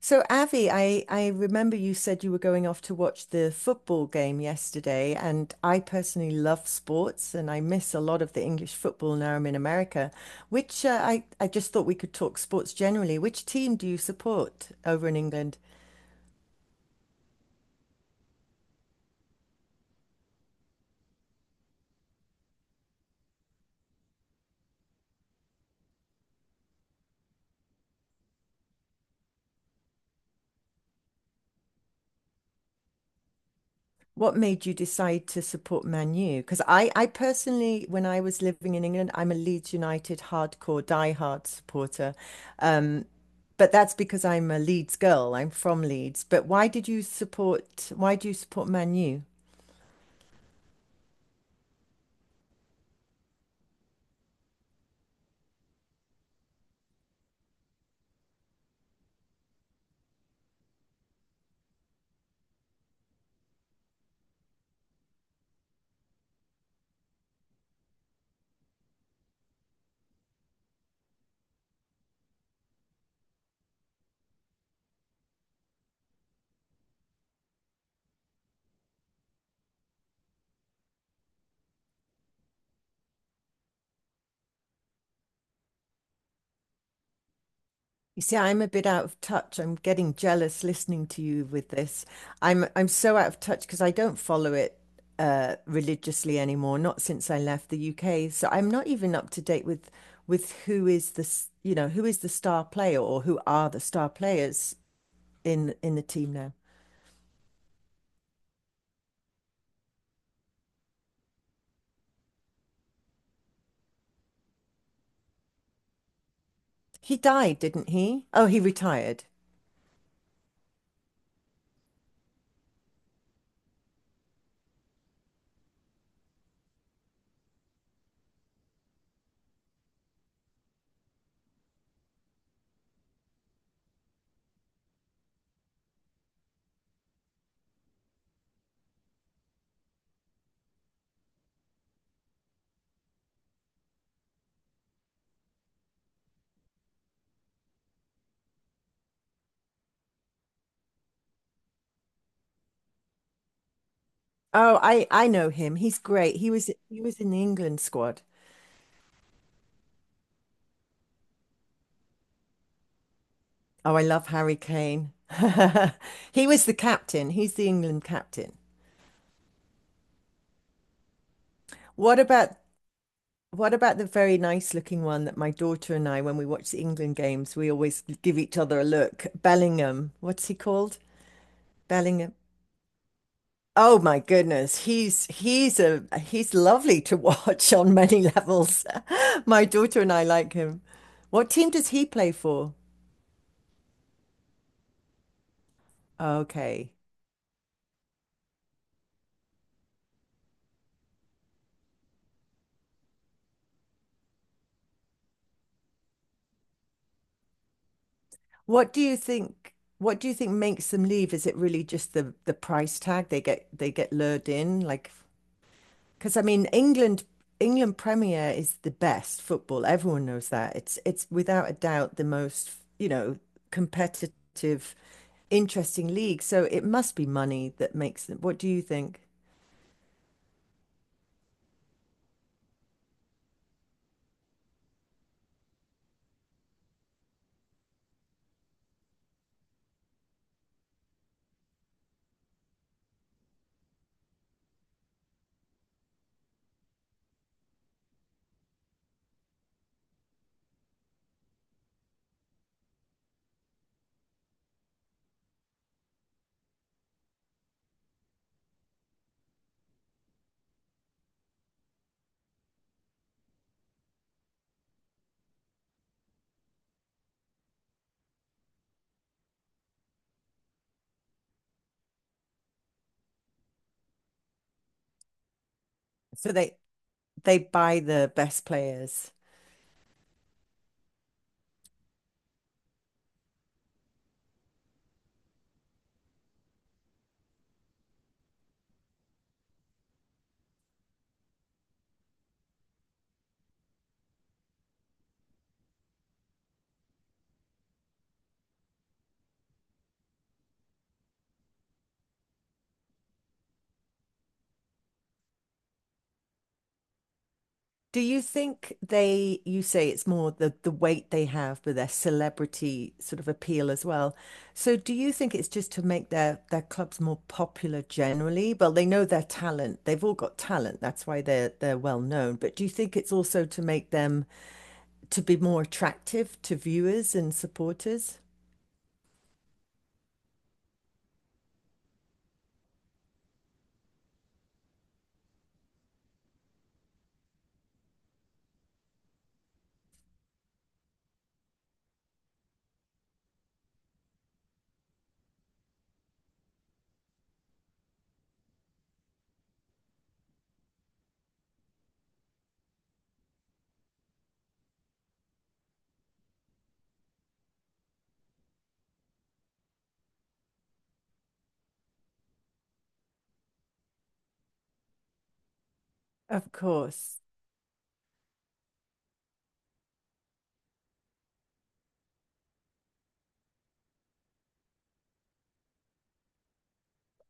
So, Avi, I remember you said you were going off to watch the football game yesterday, and I personally love sports and I miss a lot of the English football now I'm in America, which I just thought we could talk sports generally. Which team do you support over in England? What made you decide to support Man U? Because I personally, when I was living in England, I'm a Leeds United hardcore, diehard supporter. Um, but that's because I'm a Leeds girl. I'm from Leeds. But why did you support? Why do you support Man U? You see, I'm a bit out of touch. I'm getting jealous listening to you with this. I'm so out of touch because I don't follow it religiously anymore, not since I left the UK. So I'm not even up to date with who is the who is the star player or who are the star players in the team now. He died, didn't he? Oh, he retired. Oh, I know him. He's great. He was in the England squad. Oh, I love Harry Kane. He was the captain. He's the England captain. What about what about the very nice looking one that my daughter and I, when we watch the England games, we always give each other a look. Bellingham, what's he called? Bellingham. Oh my goodness, he's lovely to watch on many levels. My daughter and I like him. What team does he play for? Okay. What do you think what do you think makes them leave? Is it really just the price tag they get lured in like because I mean, England, England Premier is the best football. Everyone knows that. It's without a doubt the most, you know, competitive, interesting league. So it must be money that makes them. What do you think? So they buy the best players. Do you think they, you say it's more the weight they have, but their celebrity sort of appeal as well. So do you think it's just to make their clubs more popular generally? Well, they know their talent. They've all got talent. That's why they're well known. But do you think it's also to make them to be more attractive to viewers and supporters? Of course.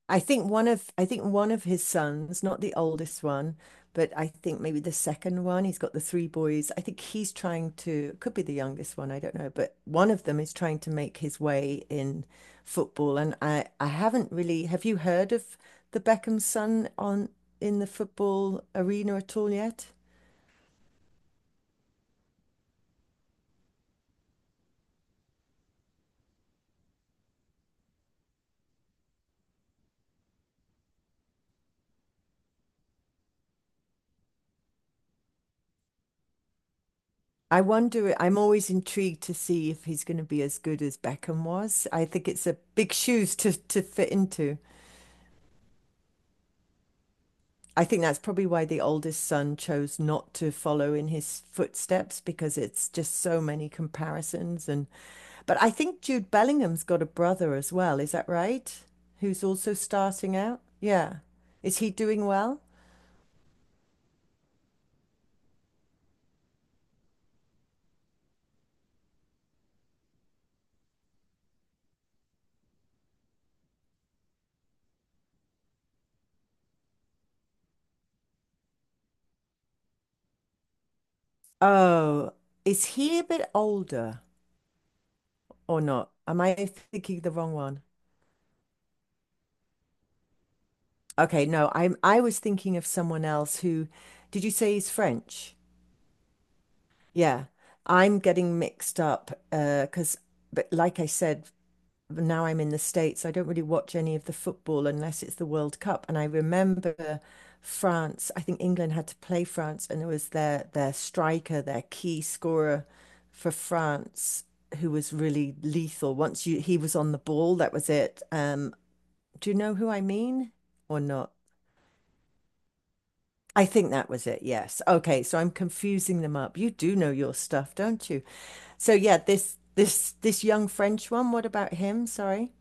I think one of his sons, not the oldest one, but I think maybe the second one, he's got the three boys. I think he's trying to, could be the youngest one, I don't know, but one of them is trying to make his way in football. And I haven't really, have you heard of the Beckham son on in the football arena at all yet? I wonder, I'm always intrigued to see if he's going to be as good as Beckham was. I think it's a big shoes to fit into. I think that's probably why the oldest son chose not to follow in his footsteps because it's just so many comparisons and but I think Jude Bellingham's got a brother as well, is that right? Who's also starting out? Yeah. Is he doing well? Oh, is he a bit older or not? Am I thinking the wrong one? Okay, no, I was thinking of someone else who did you say he's French? Yeah. I'm getting mixed up 'cause but like I said now I'm in the States, I don't really watch any of the football unless it's the World Cup. And I remember France, I think England had to play France, and it was their striker, their key scorer for France, who was really lethal. Once you he was on the ball, that was it. Do you know who I mean or not? I think that was it, yes. Okay, so I'm confusing them up. You do know your stuff, don't you? So yeah, this young French one, what about him? Sorry.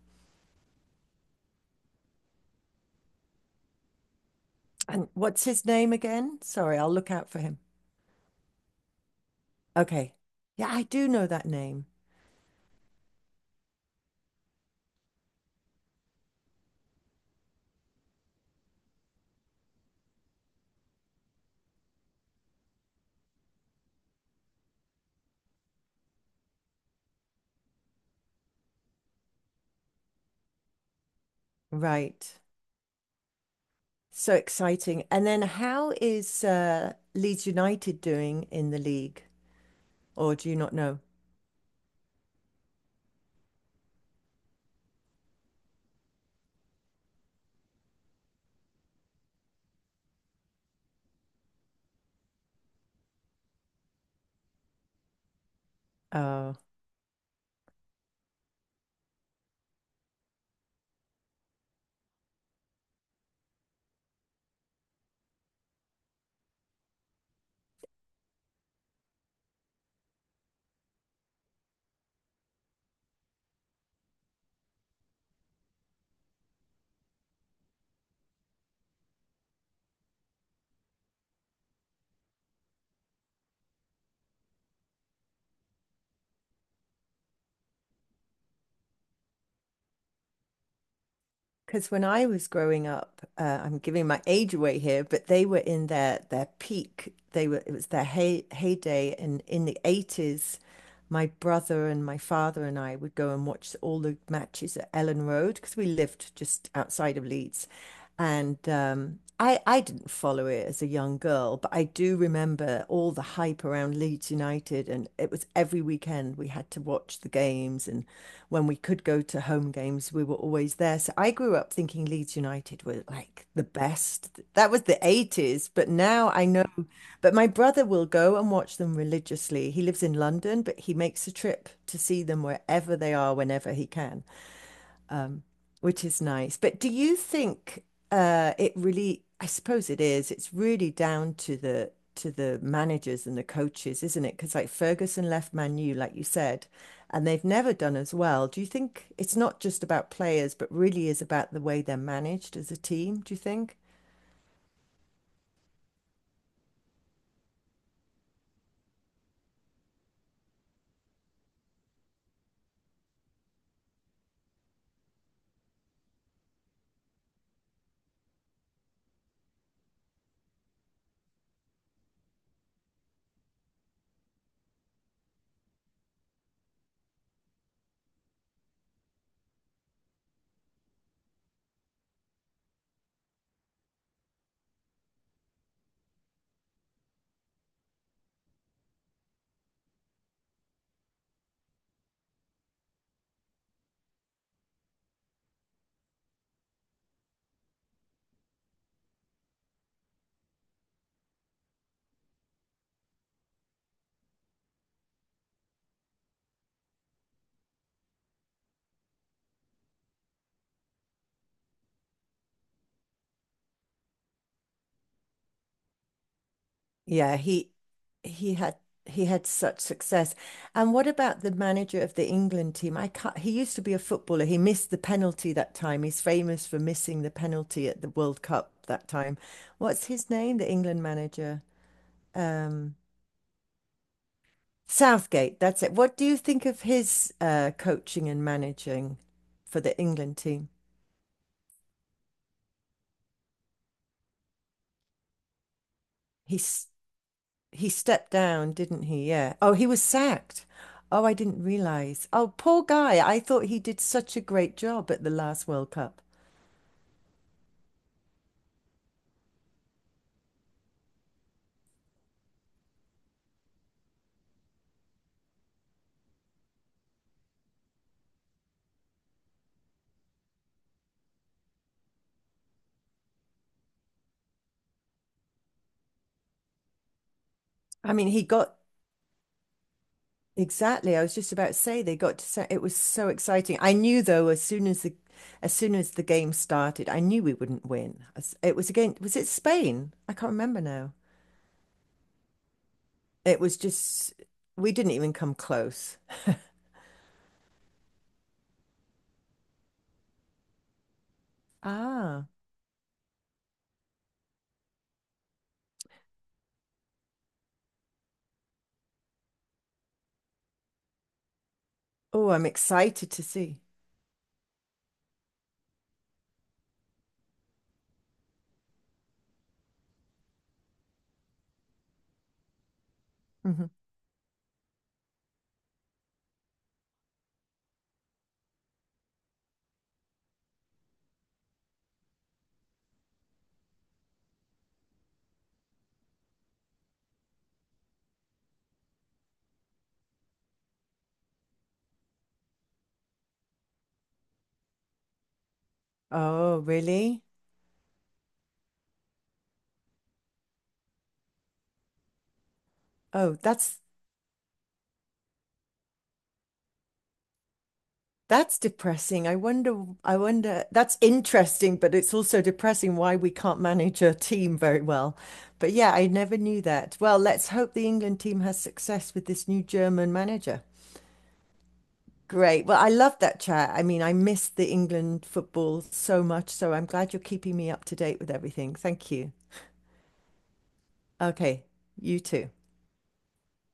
And what's his name again? Sorry, I'll look out for him. Okay. Yeah, I do know that name. Right. So exciting. And then how is Leeds United doing in the league? Or do you not know? Oh. Because when I was growing up, I'm giving my age away here, but they were in their peak. They were it was their heyday, and in the 80s, my brother and my father and I would go and watch all the matches at Ellen Road because we lived just outside of Leeds, and I didn't follow it as a young girl, but I do remember all the hype around Leeds United, and it was every weekend we had to watch the games and when we could go to home games, we were always there. So I grew up thinking Leeds United were like the best. That was the 80s, but now I know. But my brother will go and watch them religiously. He lives in London, but he makes a trip to see them wherever they are, whenever he can um, which is nice. But do you think it really, I suppose it is, it's really down to the managers and the coaches, isn't it? Because like Ferguson left Man U, like you said, and they've never done as well. Do you think it's not just about players, but really is about the way they're managed as a team, do you think? Yeah, he had he had such success. And what about the manager of the England team? I can't, he used to be a footballer. He missed the penalty that time. He's famous for missing the penalty at the World Cup that time. What's his name? The England manager. Um, Southgate, that's it. What do you think of his coaching and managing for the England team? He's he stepped down, didn't he? Yeah. Oh, he was sacked. Oh, I didn't realize. Oh, poor guy. I thought he did such a great job at the last World Cup. I mean, he got exactly. I was just about to say they got to say it was so exciting. I knew though, as soon as the game started, I knew we wouldn't win. As- it was again, was it Spain? I can't remember now. It was just we didn't even come close. Ah. Oh, I'm excited to see. Hmm. Oh, really? Oh, that's depressing. I wonder, that's interesting, but it's also depressing why we can't manage a team very well. But yeah, I never knew that. Well, let's hope the England team has success with this new German manager. Great. Well, I love that chat. I mean, I miss the England football so much, so I'm glad you're keeping me up to date with everything. Thank you. Okay, you too.